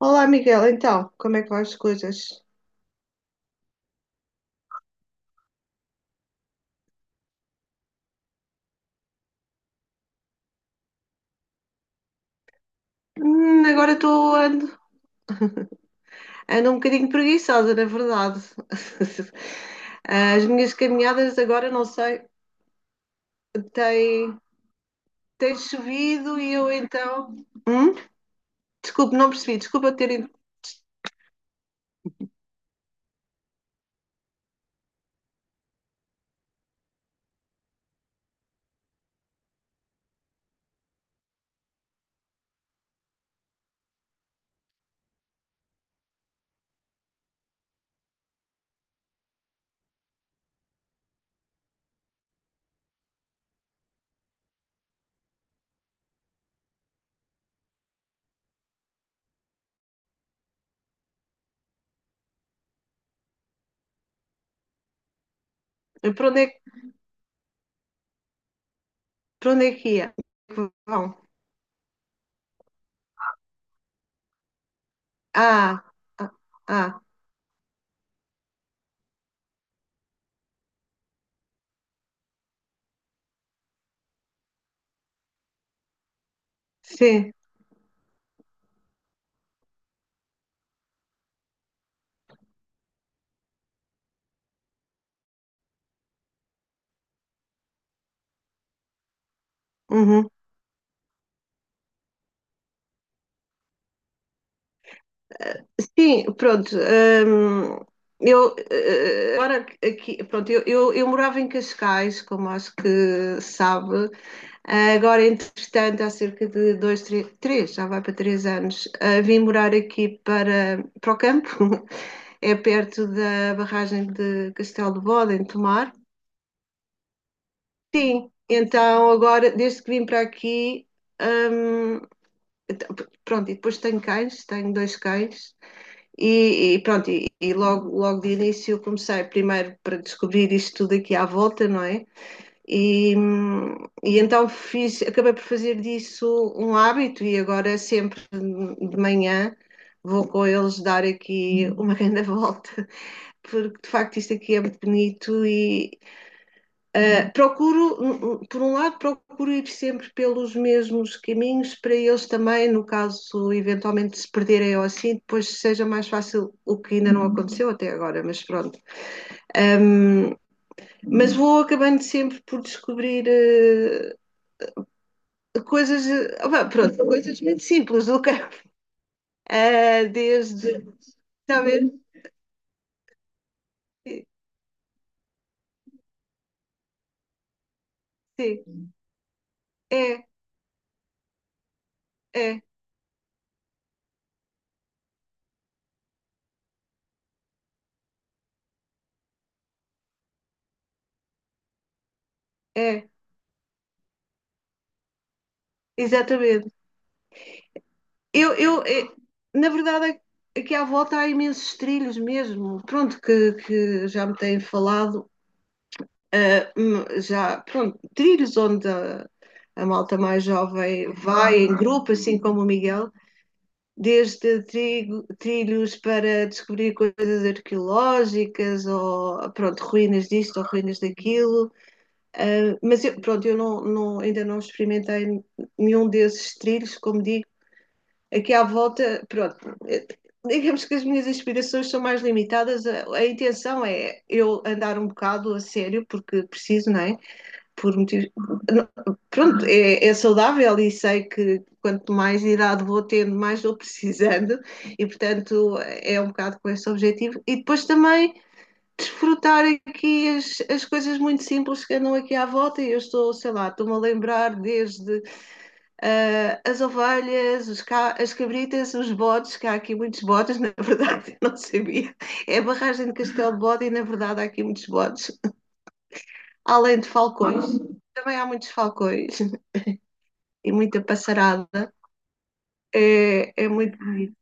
Olá, Miguel. Então, como é que vão as coisas? Agora ando um bocadinho preguiçosa, na verdade. As minhas caminhadas agora, não sei, tem, tem chovido e eu então. Hum? Desculpe, não percebi. Desculpa ter. Para onde é, que- para onde é que ia? Que vão. Ah, ah, ah, sim. Uhum. Sim, pronto. Eu, agora aqui, pronto, eu morava em Cascais, como acho que sabe. Ah, agora, entretanto, há cerca de dois, três, já vai para 3 anos. Vim morar aqui para o campo, é perto da barragem de Castelo de Bode, em Tomar. Sim, então agora, desde que vim para aqui, hum, então, pronto, e depois tenho cães, tenho dois cães. E, pronto, e logo de início comecei primeiro para descobrir isto tudo aqui à volta, não é? E, e, então acabei por fazer disso um hábito e agora sempre de manhã vou com eles dar aqui uma grande volta, porque de facto isto aqui é muito bonito e por um lado, procuro ir sempre pelos mesmos caminhos para eles também, no caso eventualmente se perderem ou assim, depois seja mais fácil, o que ainda não aconteceu até agora, mas pronto. Hum, mas vou acabando sempre por descobrir coisas, pronto, coisas muito simples do campo, desde, está a ver? Sim, é, é, é, exatamente. Eu, na verdade, aqui à volta há imensos trilhos mesmo, pronto, que já me têm falado, já, pronto, trilhos onde a malta mais jovem vai em grupo, assim como o Miguel, desde trilhos para descobrir coisas arqueológicas, ou, pronto, ruínas disto ou ruínas daquilo. Ah, mas eu, pronto, eu ainda não experimentei nenhum desses trilhos, como digo, aqui à volta, pronto, eh, digamos que as minhas inspirações são mais limitadas. A intenção é eu andar um bocado a sério, porque preciso, não é? Por motivos. não- Pronto, é saudável e sei que quanto mais idade vou tendo, mais vou precisando, e portanto é um bocado com esse objetivo. E depois também. Desfrutar aqui as coisas muito simples que andam aqui à volta, e eu estou, sei lá, estou-me a lembrar desde as ovelhas, as cabritas, os bodes, que há aqui muitos bodes, na verdade, eu não sabia. É a barragem de Castelo de Bode e, na verdade, há aqui muitos bodes. Além de falcões, também há muitos falcões e muita passarada. É, é muito bonito.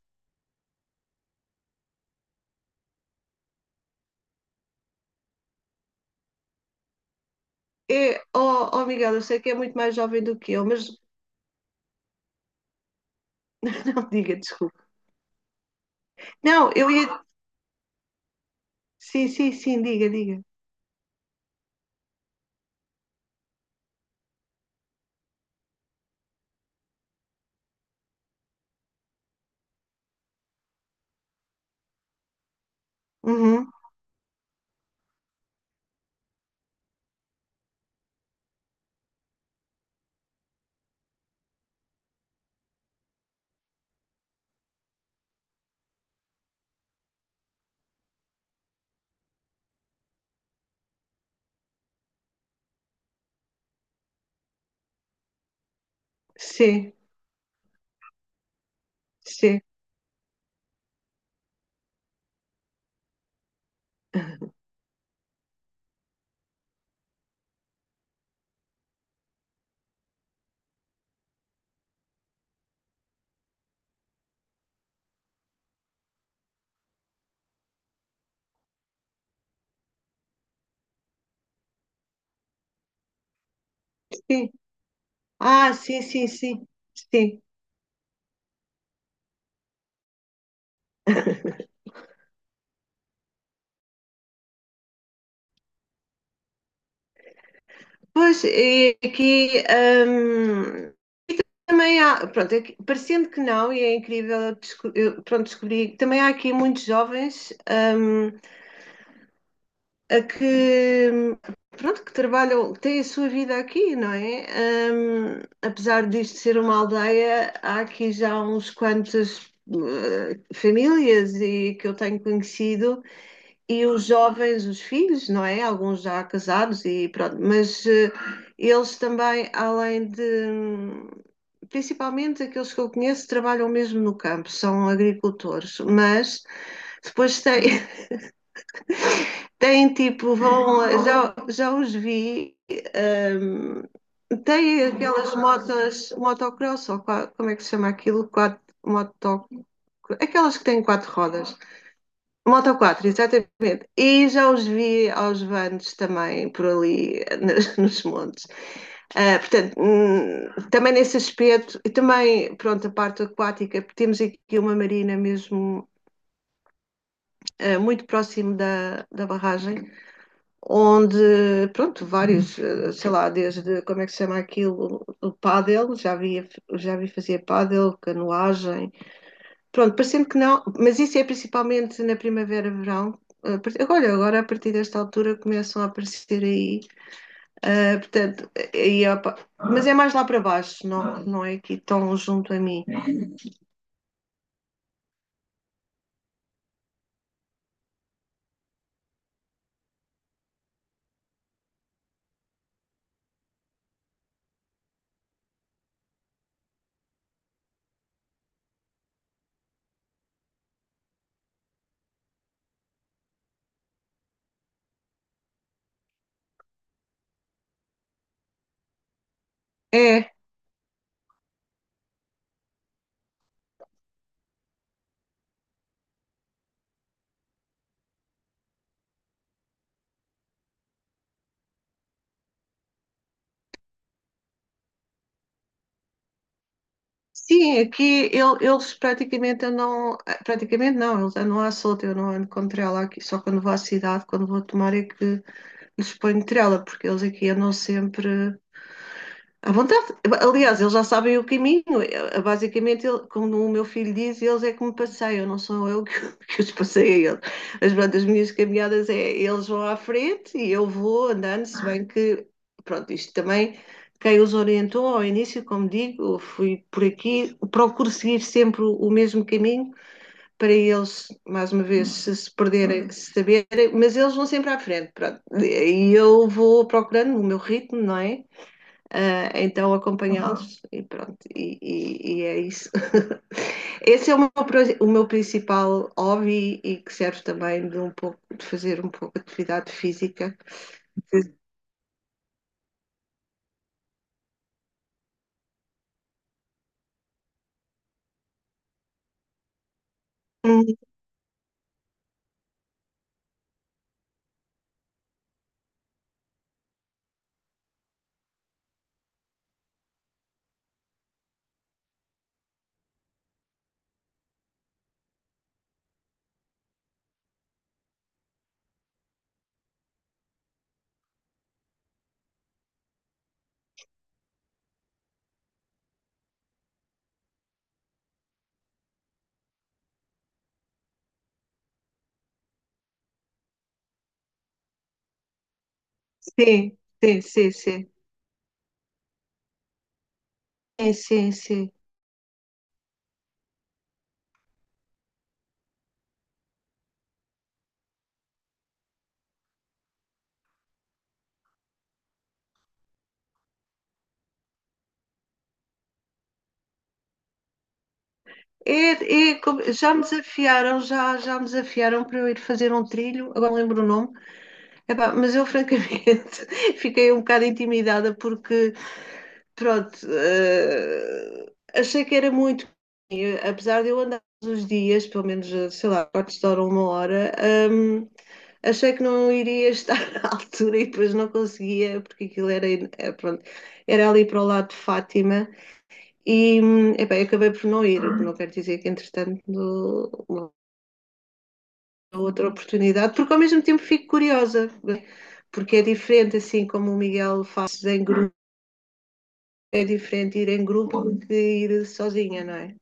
É, oh, Miguel, eu sei que é muito mais jovem do que eu, mas não diga, desculpa. Não, eu ia. Sim, sim, sim, diga, diga. Uhum. Sim, sim, sim. Ah, sim, sim, sim, sim. Pois, e aqui hum, também há, pronto, parecendo que não, e é incrível, eu, pronto, descobri, também há aqui muitos jovens, a que, hum, pronto, que trabalham, que têm a sua vida aqui, não é? Apesar disto ser uma aldeia, há aqui já uns quantas famílias e que eu tenho conhecido e os jovens, os filhos, não é? Alguns já casados e pronto, mas eles também, além de, principalmente aqueles que eu conheço, trabalham mesmo no campo, são agricultores, mas depois têm, têm tipo, vão, já os vi, têm aquelas motas, motocross, ou como é que se chama aquilo? Quatro, moto, aquelas que têm quatro rodas. Moto 4, exatamente. E já os vi aos vans também por ali nos montes. Ah, portanto, também nesse aspecto, e também, pronto, a parte aquática, temos aqui uma marina mesmo muito próximo da barragem, onde, pronto, vários, sei lá, desde, como é que se chama aquilo, o pádel, já vi fazer pádel, canoagem. Pronto, parecendo que não, mas isso é principalmente na primavera, verão. Olha, agora a partir desta altura começam a aparecer aí, portanto, opa, mas é mais lá para baixo, não, não é aqui tão junto a mim. É, sim, aqui eles praticamente andam, praticamente não, eles andam à solta, eu não ando com trela aqui, só quando vou à cidade, quando vou tomar é que lhes ponho trela, porque eles aqui andam sempre à vontade. Aliás, eles já sabem o caminho. Basicamente, como o meu filho diz, eles é que me passeiam, não sou eu que, que os passei a eles. Mas pronto, as minhas caminhadas é eles vão à frente e eu vou andando, se bem que, pronto, isto também, quem os orientou ao início, como digo, eu fui por aqui, procuro seguir sempre o mesmo caminho para eles, mais uma vez, se perderem, se saberem, mas eles vão sempre à frente, pronto. E eu vou procurando o meu ritmo, não é? Ah, então acompanhá-los e pronto, e é isso. Esse é o meu principal hobby e que serve também de um pouco de fazer um pouco de atividade física. Hum. Sim, sim, sim, sim, sim, sim, sim. Já me desafiaram, já me desafiaram para eu ir fazer um trilho, agora não lembro o nome. Epá, mas eu francamente fiquei um bocado intimidada porque pronto, achei que era muito, e, apesar de eu andar todos os dias, pelo menos, sei lá, quartos de hora, ou uma hora, hum, achei que não iria estar à altura e depois não conseguia, porque aquilo era, pronto, era ali para o lado de Fátima e, epá, eu acabei por não ir, o que não quero dizer que entretanto uma outra oportunidade, porque ao mesmo tempo fico curiosa, né? Porque é diferente, assim como o Miguel faz em grupo, é diferente ir em grupo do que ir sozinha, não é?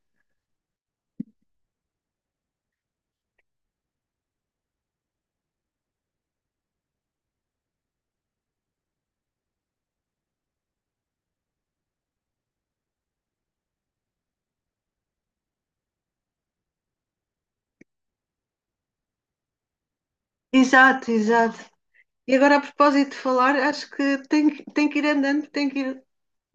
Exato, exato. E agora, a propósito de falar, acho que tem que ir andando, tem que ir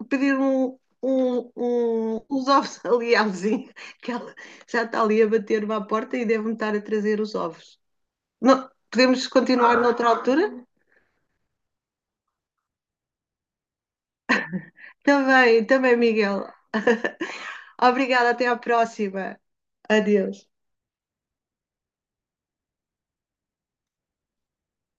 pedir um, uns ovos ali à vizinha, que ela já está ali a bater-me à porta e deve-me estar a trazer os ovos. Não, podemos continuar noutra altura? Também, também, Miguel. Obrigada, até à próxima. Adeus.